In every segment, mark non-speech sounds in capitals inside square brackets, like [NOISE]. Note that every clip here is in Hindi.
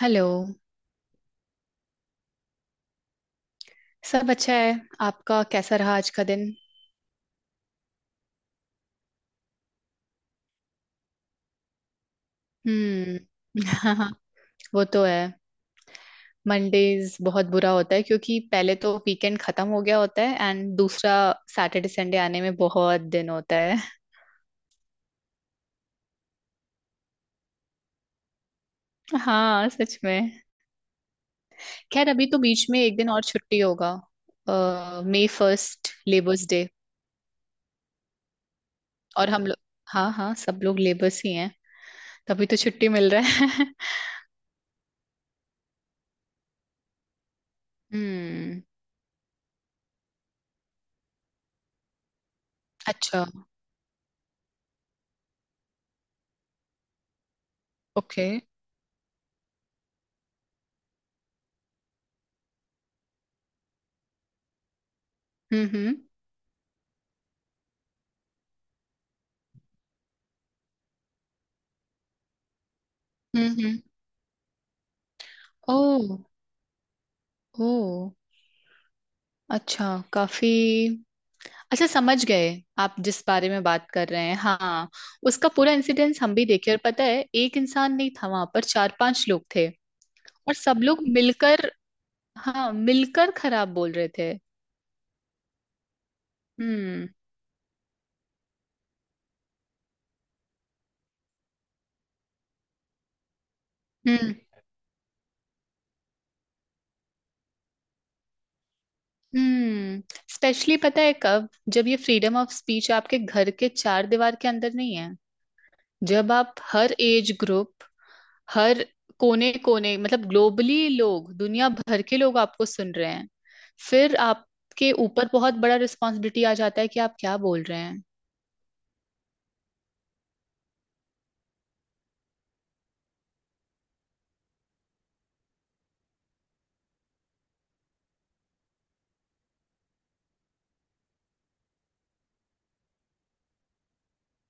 हेलो। सब अच्छा है। आपका कैसा रहा आज का दिन? हम्म। [LAUGHS] हाँ, वो तो है। मंडेज बहुत बुरा होता है क्योंकि पहले तो वीकेंड खत्म हो गया होता है एंड दूसरा सैटरडे संडे आने में बहुत दिन होता है। [LAUGHS] हाँ, सच में। खैर अभी तो बीच में एक दिन और छुट्टी होगा। मई फर्स्ट लेबर्स डे। और हम लोग, हाँ हाँ, सब लोग लेबर्स ही हैं। तभी तो छुट्टी मिल रहा है। [LAUGHS] हम्म। अच्छा। ओके। हम्म, हम्म। ओह। ओ। अच्छा। काफी। अच्छा, समझ गए। आप जिस बारे में बात कर रहे हैं, हाँ। उसका पूरा इंसिडेंस हम भी देखे और पता है एक इंसान नहीं था, वहां पर चार पांच लोग थे और सब लोग मिलकर, हाँ, मिलकर खराब बोल रहे थे। हम्म हम्म, हम्म। स्पेशली पता है कब? जब ये फ्रीडम ऑफ स्पीच आपके घर के चार दीवार के अंदर नहीं है, जब आप हर एज ग्रुप, हर कोने कोने, मतलब ग्लोबली लोग, दुनिया भर के लोग आपको सुन रहे हैं, फिर आपके ऊपर बहुत बड़ा रिस्पॉन्सिबिलिटी आ जाता है कि आप क्या बोल रहे हैं।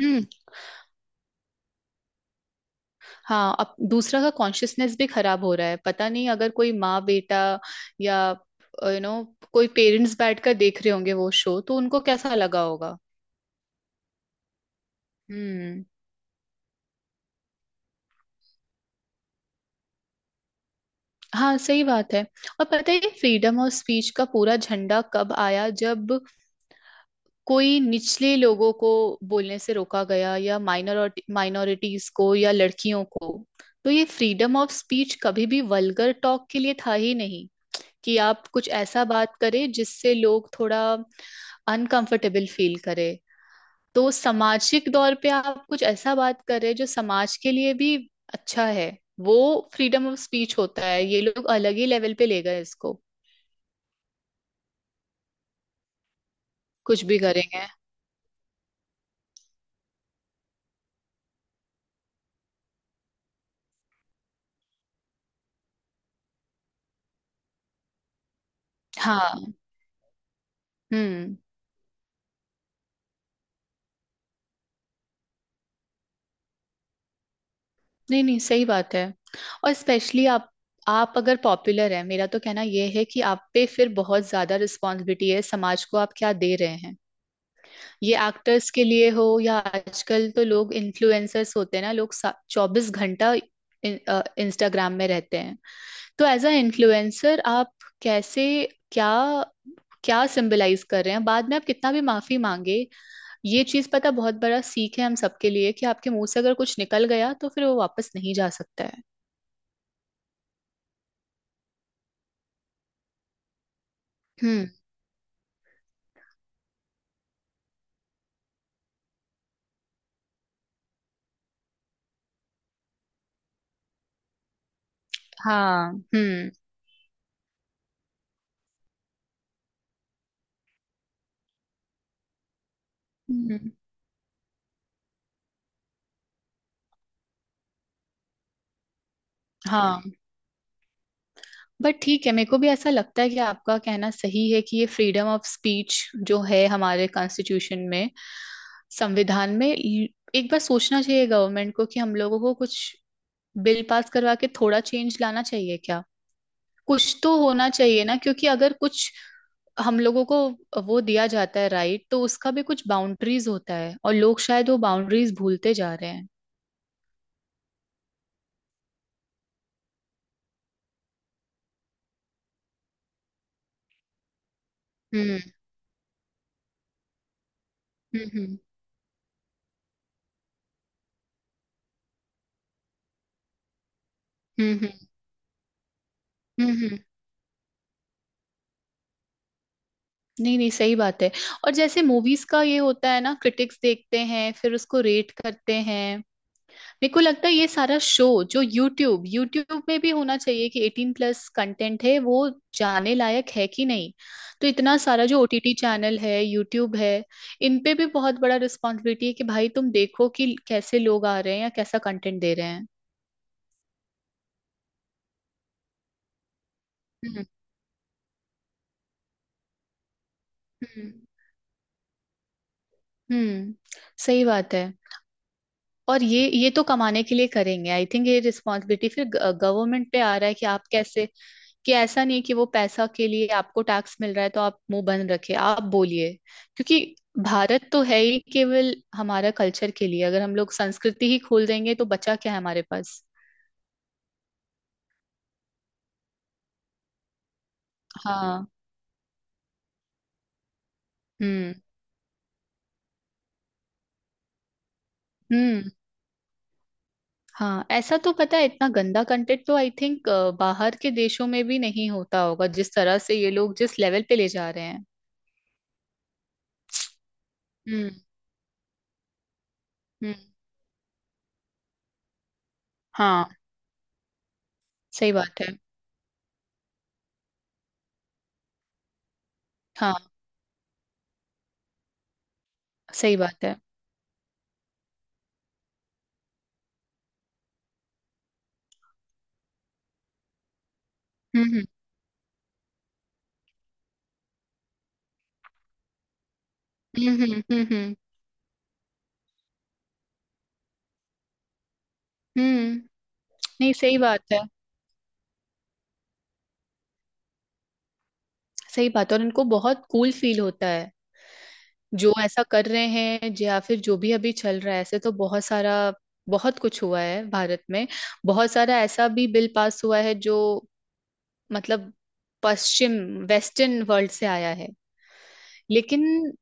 हम्म। हाँ, अब दूसरा का कॉन्शियसनेस भी खराब हो रहा है, पता नहीं अगर कोई माँ बेटा या यू नो कोई पेरेंट्स बैठकर देख रहे होंगे वो शो, तो उनको कैसा लगा होगा। हम्म। हाँ, सही बात है। और पता है ये फ्रीडम ऑफ स्पीच का पूरा झंडा कब आया? जब कोई निचले लोगों को बोलने से रोका गया या माइनॉरिटीज को या लड़कियों को। तो ये फ्रीडम ऑफ स्पीच कभी भी वल्गर टॉक के लिए था ही नहीं कि आप कुछ ऐसा बात करें जिससे लोग थोड़ा अनकंफर्टेबल फील करें। तो सामाजिक दौर पे आप कुछ ऐसा बात करें जो समाज के लिए भी अच्छा है, वो फ्रीडम ऑफ स्पीच होता है। ये लोग अलग ही लेवल पे ले गए इसको, कुछ भी करेंगे। हाँ। हम्म। नहीं नहीं, सही बात है। और स्पेशली आप अगर पॉपुलर हैं, मेरा तो कहना यह है कि आप पे फिर बहुत ज्यादा रिस्पॉन्सिबिलिटी है, समाज को आप क्या दे रहे हैं। ये एक्टर्स के लिए हो या आजकल तो लोग इन्फ्लुएंसर्स होते हैं ना लोग, चौबीस घंटा इंस्टाग्राम में रहते हैं। तो एज अ इन्फ्लुएंसर आप कैसे, क्या क्या सिंबलाइज कर रहे हैं, बाद में आप कितना भी माफी मांगे। ये चीज पता बहुत बड़ा सीख है हम सबके लिए कि आपके मुंह से अगर कुछ निकल गया तो फिर वो वापस नहीं जा सकता है। हम्म। हाँ। हम्म। हाँ। बट ठीक है, मेरे को भी ऐसा लगता है कि आपका कहना सही है कि ये फ्रीडम ऑफ स्पीच जो है हमारे कॉन्स्टिट्यूशन में, संविधान में, एक बार सोचना चाहिए गवर्नमेंट को कि हम लोगों को कुछ बिल पास करवा के थोड़ा चेंज लाना चाहिए क्या। कुछ तो होना चाहिए ना क्योंकि अगर कुछ हम लोगों को वो दिया जाता है, राइट, तो उसका भी कुछ बाउंड्रीज होता है और लोग शायद वो बाउंड्रीज भूलते जा रहे हैं। हम्म हम्म, हम्म, हम्म। नहीं नहीं, सही बात है। और जैसे मूवीज का ये होता है ना, क्रिटिक्स देखते हैं फिर उसको रेट करते हैं, मेरे को लगता है ये सारा शो जो यूट्यूब यूट्यूब में भी होना चाहिए कि एटीन प्लस कंटेंट है वो जाने लायक है कि नहीं। तो इतना सारा जो ओटीटी चैनल है, यूट्यूब है, इन पे भी बहुत बड़ा रिस्पॉन्सिबिलिटी है कि भाई तुम देखो कि कैसे लोग आ रहे हैं या कैसा कंटेंट दे रहे हैं। हम्म हम्म, हम्म, सही बात है। और ये तो कमाने के लिए करेंगे, आई थिंक ये रिस्पॉन्सिबिलिटी फिर गवर्नमेंट पे आ रहा है कि आप कैसे, कि ऐसा नहीं कि वो पैसा के लिए आपको टैक्स मिल रहा है तो आप मुंह बंद रखे, आप बोलिए। क्योंकि भारत तो है ही केवल हमारा कल्चर के लिए, अगर हम लोग संस्कृति ही खोल देंगे तो बचा क्या है हमारे पास। हाँ। हम्म हम्म। हाँ, ऐसा तो पता है इतना गंदा कंटेंट तो आई थिंक बाहर के देशों में भी नहीं होता होगा जिस तरह से ये लोग जिस लेवल पे ले जा रहे हैं। हम्म हम्म। हाँ, सही बात है, हाँ, सही बात है। हम्म हम्म, हम्म, हम्म, नहीं, सही बात है। सही बात है, और इनको बहुत कूल फील होता है जो ऐसा कर रहे हैं, या फिर जो भी अभी चल रहा है, ऐसे तो बहुत सारा, बहुत कुछ हुआ है भारत में। बहुत सारा ऐसा भी बिल पास हुआ है जो, मतलब, पश्चिम, वेस्टर्न वर्ल्ड से आया है। लेकिन,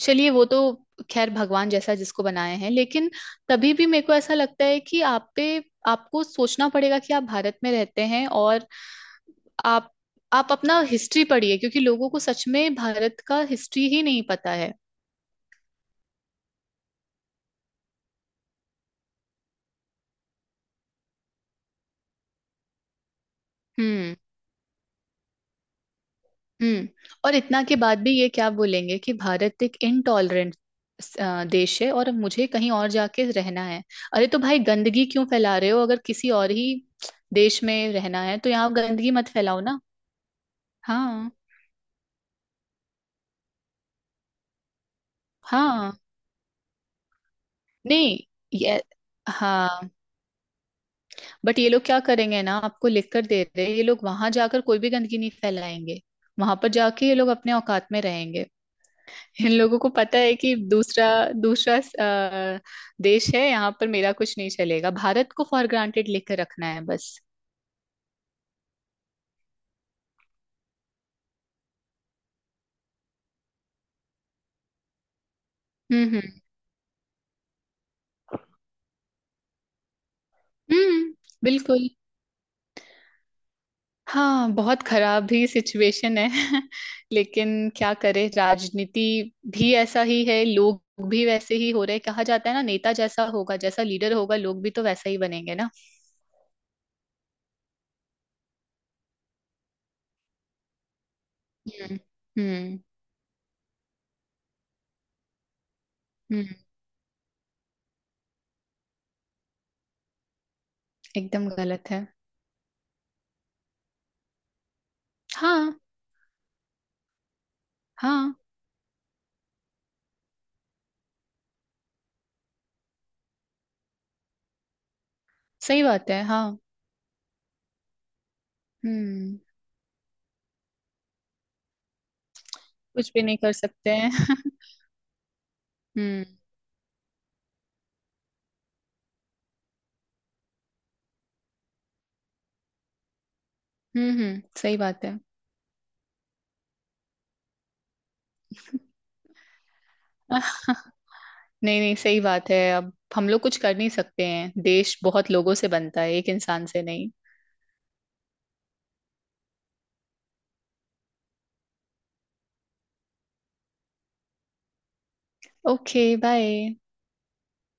चलिए वो तो खैर भगवान जैसा जिसको बनाए हैं, लेकिन तभी भी मेरे को ऐसा लगता है कि आप पे, आपको सोचना पड़ेगा कि आप भारत में रहते हैं, और आप आप अपना हिस्ट्री पढ़िए क्योंकि लोगों को सच में भारत का हिस्ट्री ही नहीं पता है। हम्म हम्म। और इतना के बाद भी ये क्या बोलेंगे कि भारत एक इनटॉलरेंट देश है और मुझे कहीं और जाके रहना है। अरे तो भाई गंदगी क्यों फैला रहे हो, अगर किसी और ही देश में रहना है तो यहाँ गंदगी मत फैलाओ ना। हाँ। हाँ। नहीं। ये। हाँ। बट ये लोग क्या करेंगे ना, आपको लिख कर दे रहे हैं, ये लोग वहां जाकर कोई भी गंदगी नहीं फैलाएंगे, वहां पर जाके ये लोग अपने औकात में रहेंगे। इन लोगों को पता है कि दूसरा दूसरा देश है, यहाँ पर मेरा कुछ नहीं चलेगा, भारत को फॉर ग्रांटेड लेकर रखना है बस। हम्म, हम्म। बिल्कुल। हाँ, बहुत खराब ही सिचुएशन है। [LAUGHS] लेकिन क्या करे, राजनीति भी ऐसा ही है, लोग भी वैसे ही हो रहे हैं। कहा जाता है ना, नेता जैसा होगा, जैसा लीडर होगा लोग भी तो वैसा ही बनेंगे ना। हम्म हम्म, हम्म, एकदम गलत है। हाँ। हाँ, सही बात है, हाँ। हम्म। कुछ भी नहीं कर सकते हैं। [LAUGHS] हम्म, हम्म, हम्म, सही बात है। [LAUGHS] आह, नहीं नहीं, सही बात है, अब हम लोग कुछ कर नहीं सकते हैं, देश बहुत लोगों से बनता है, एक इंसान से नहीं। Okay, bye.